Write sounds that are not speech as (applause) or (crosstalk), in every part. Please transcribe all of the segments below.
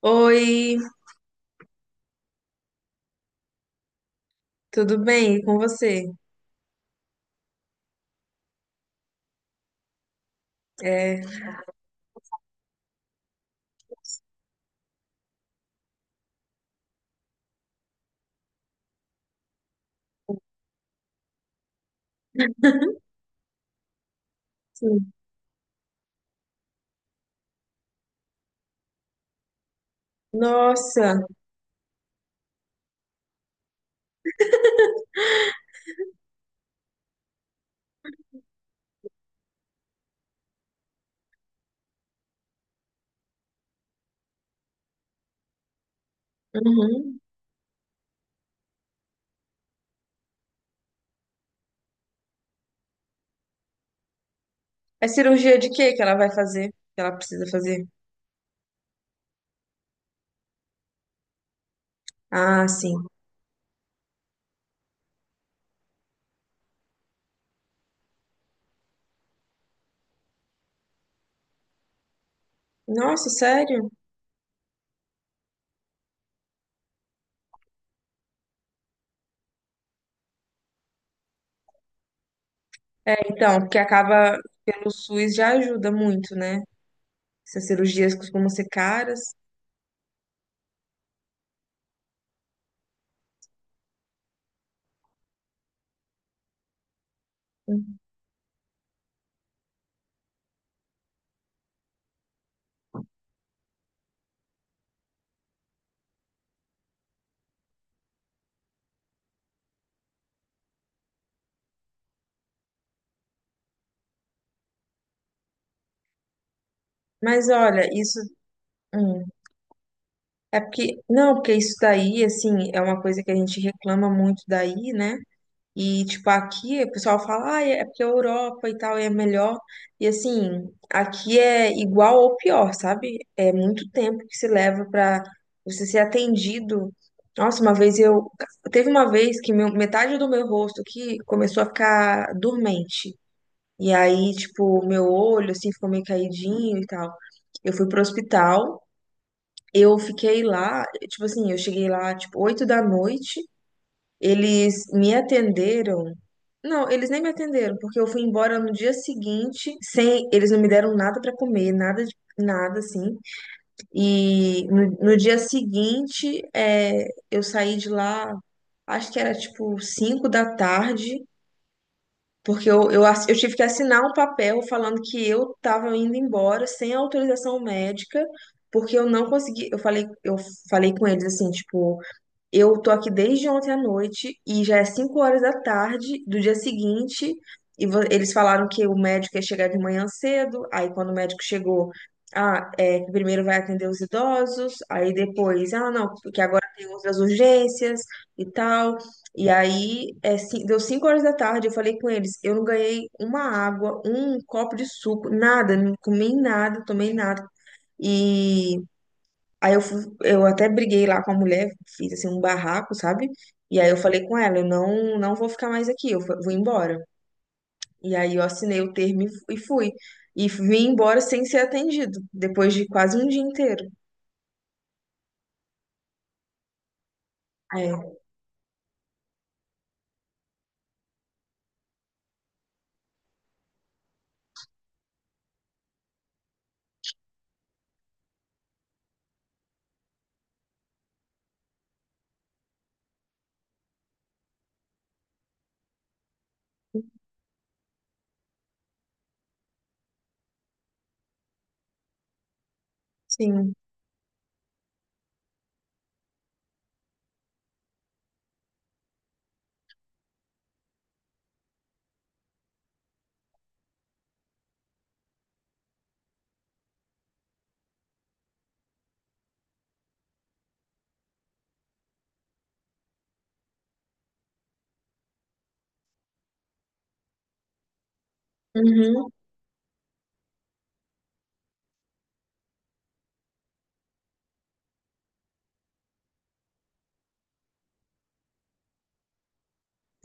Oi, tudo bem? E com você? É, sim. Nossa, uhum. É cirurgia de quê que ela vai fazer? Que ela precisa fazer? Ah, sim. Nossa, sério? Então, porque acaba pelo SUS já ajuda muito, né? Essas cirurgias costumam ser caras. Mas olha, isso hum, é porque não, porque isso daí assim é uma coisa que a gente reclama muito daí, né? E, tipo, aqui o pessoal fala, ah, é porque a Europa e tal é melhor. E, assim, aqui é igual ou pior, sabe? É muito tempo que se leva pra você ser atendido. Nossa, uma vez eu. Teve uma vez que metade do meu rosto aqui começou a ficar dormente. E aí, tipo, meu olho, assim, ficou meio caidinho e tal. Eu fui pro hospital, eu fiquei lá, tipo assim, eu cheguei lá, tipo, 8 da noite. Eles me atenderam. Não, eles nem me atenderam, porque eu fui embora no dia seguinte, sem, eles não me deram nada pra comer, nada de nada assim. E no dia seguinte, é, eu saí de lá, acho que era tipo 5 da tarde, porque eu tive que assinar um papel falando que eu tava indo embora sem autorização médica, porque eu não consegui, eu falei com eles assim, tipo, eu tô aqui desde ontem à noite e já é 5 horas da tarde do dia seguinte. E eles falaram que o médico ia chegar de manhã cedo. Aí, quando o médico chegou, ah, é que primeiro vai atender os idosos. Aí depois, ah, não, porque agora tem outras urgências e tal. E aí, deu 5 horas da tarde. Eu falei com eles: eu não ganhei uma água, um copo de suco, nada, não comi nada, tomei nada. E. Aí eu até briguei lá com a mulher, fiz assim um barraco, sabe? E aí eu falei com ela, eu não, não vou ficar mais aqui, vou embora. E aí eu assinei o termo e fui. E vim embora sem ser atendido, depois de quase um dia inteiro. É, sim. Uhum,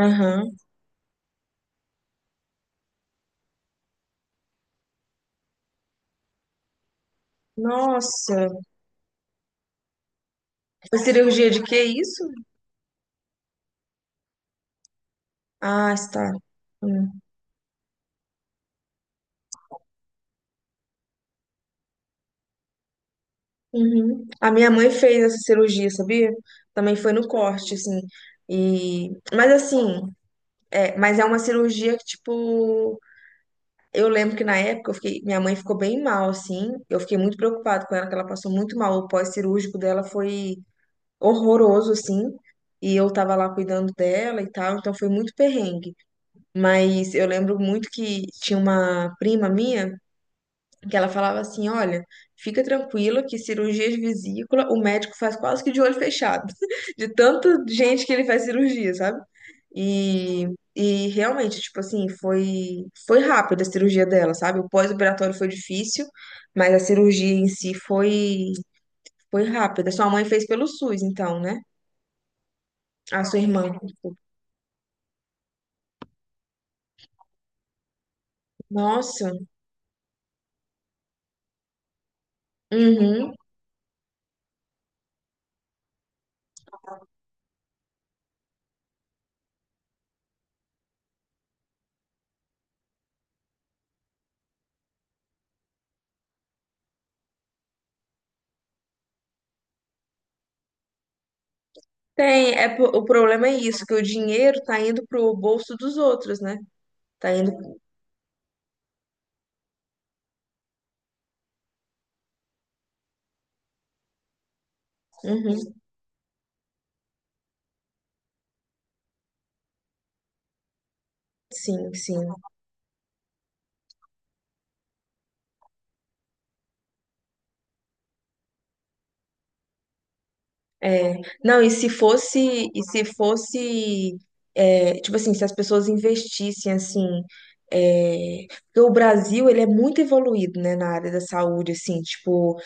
aham. Nossa, foi cirurgia de que isso? Ah, está. Hum, Uhum. A minha mãe fez essa cirurgia, sabia? Também foi no corte, assim. E... Mas assim, é, mas é uma cirurgia que, tipo, eu lembro que na época eu fiquei, minha mãe ficou bem mal, assim. Eu fiquei muito preocupada com ela, que ela passou muito mal. O pós-cirúrgico dela foi horroroso, assim. E eu tava lá cuidando dela e tal, então foi muito perrengue. Mas eu lembro muito que tinha uma prima minha que ela falava assim, olha, fica tranquila que cirurgia de vesícula o médico faz quase que de olho fechado, (laughs) de tanta gente que ele faz cirurgia, sabe? E, e realmente, tipo assim, foi, foi rápida a cirurgia dela, sabe? O pós-operatório foi difícil, mas a cirurgia em si foi, foi rápida. Sua mãe fez pelo SUS, então, né? A sua irmã. Nossa. Uhum. Tem, é, o problema é isso, que o dinheiro tá indo pro bolso dos outros, né? Tá indo. Uhum. Sim, sim. É, não, e se fosse, é, tipo assim, se as pessoas investissem assim, é, porque o Brasil, ele é muito evoluído, né, na área da saúde, assim, tipo,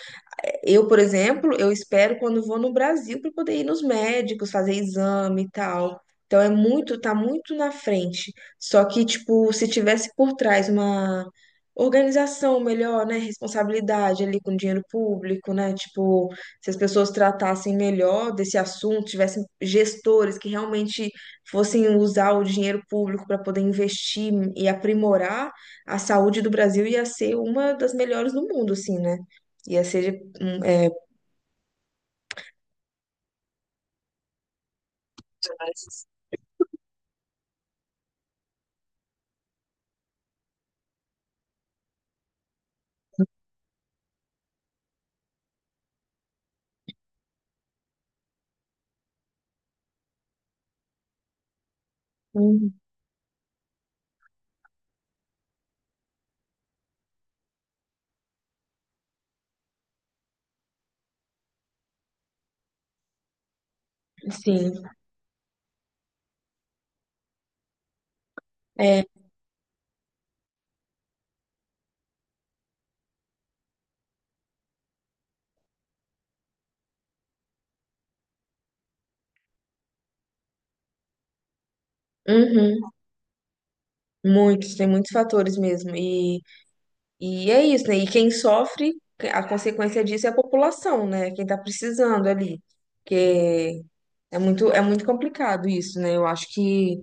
eu, por exemplo, eu espero quando vou no Brasil para poder ir nos médicos, fazer exame e tal. Então é muito, tá muito na frente. Só que, tipo, se tivesse por trás uma organização melhor, né? Responsabilidade ali com dinheiro público, né? Tipo, se as pessoas tratassem melhor desse assunto, tivessem gestores que realmente fossem usar o dinheiro público para poder investir e aprimorar, a saúde do Brasil ia ser uma das melhores do mundo, assim, né? Ia ser hum, é, hum, sim, é, uhum, muitos, tem muitos fatores mesmo. E é isso, né? E quem sofre, a consequência disso é a população, né? Quem tá precisando ali. Porque é muito complicado isso, né? Eu acho que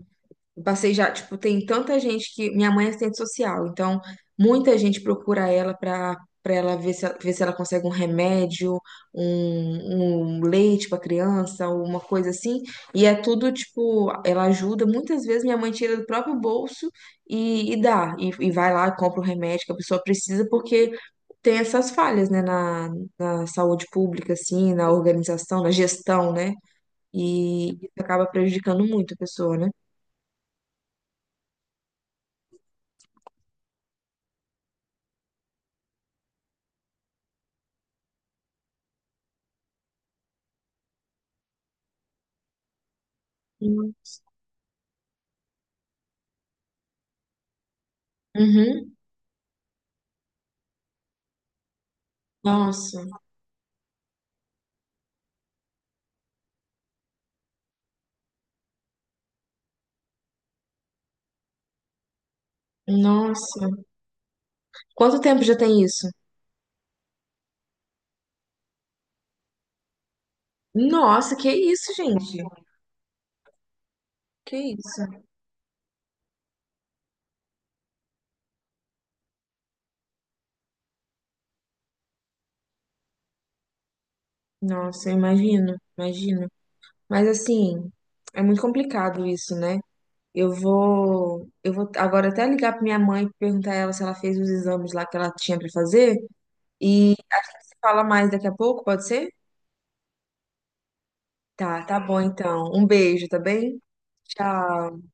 eu passei já, tipo, tem tanta gente que. Minha mãe é assistente social, então muita gente procura ela pra, pra ela ver se ela consegue um remédio, um leite pra criança, uma coisa assim. E é tudo, tipo, ela ajuda. Muitas vezes minha mãe tira do próprio bolso e dá. E vai lá, e compra o remédio que a pessoa precisa, porque tem essas falhas, né, na, na saúde pública, assim, na organização, na gestão, né? E isso acaba prejudicando muito a pessoa, né? Uhum. Nossa, nossa. Quanto tempo já tem isso? Nossa, que isso, gente? Que isso? Nossa, eu imagino, imagino. Mas assim, é muito complicado isso, né? Eu vou agora até ligar pra minha mãe e perguntar a ela se ela fez os exames lá que ela tinha pra fazer e fala mais daqui a pouco, pode ser? Tá, tá bom então. Um beijo, tá bem? Tchau.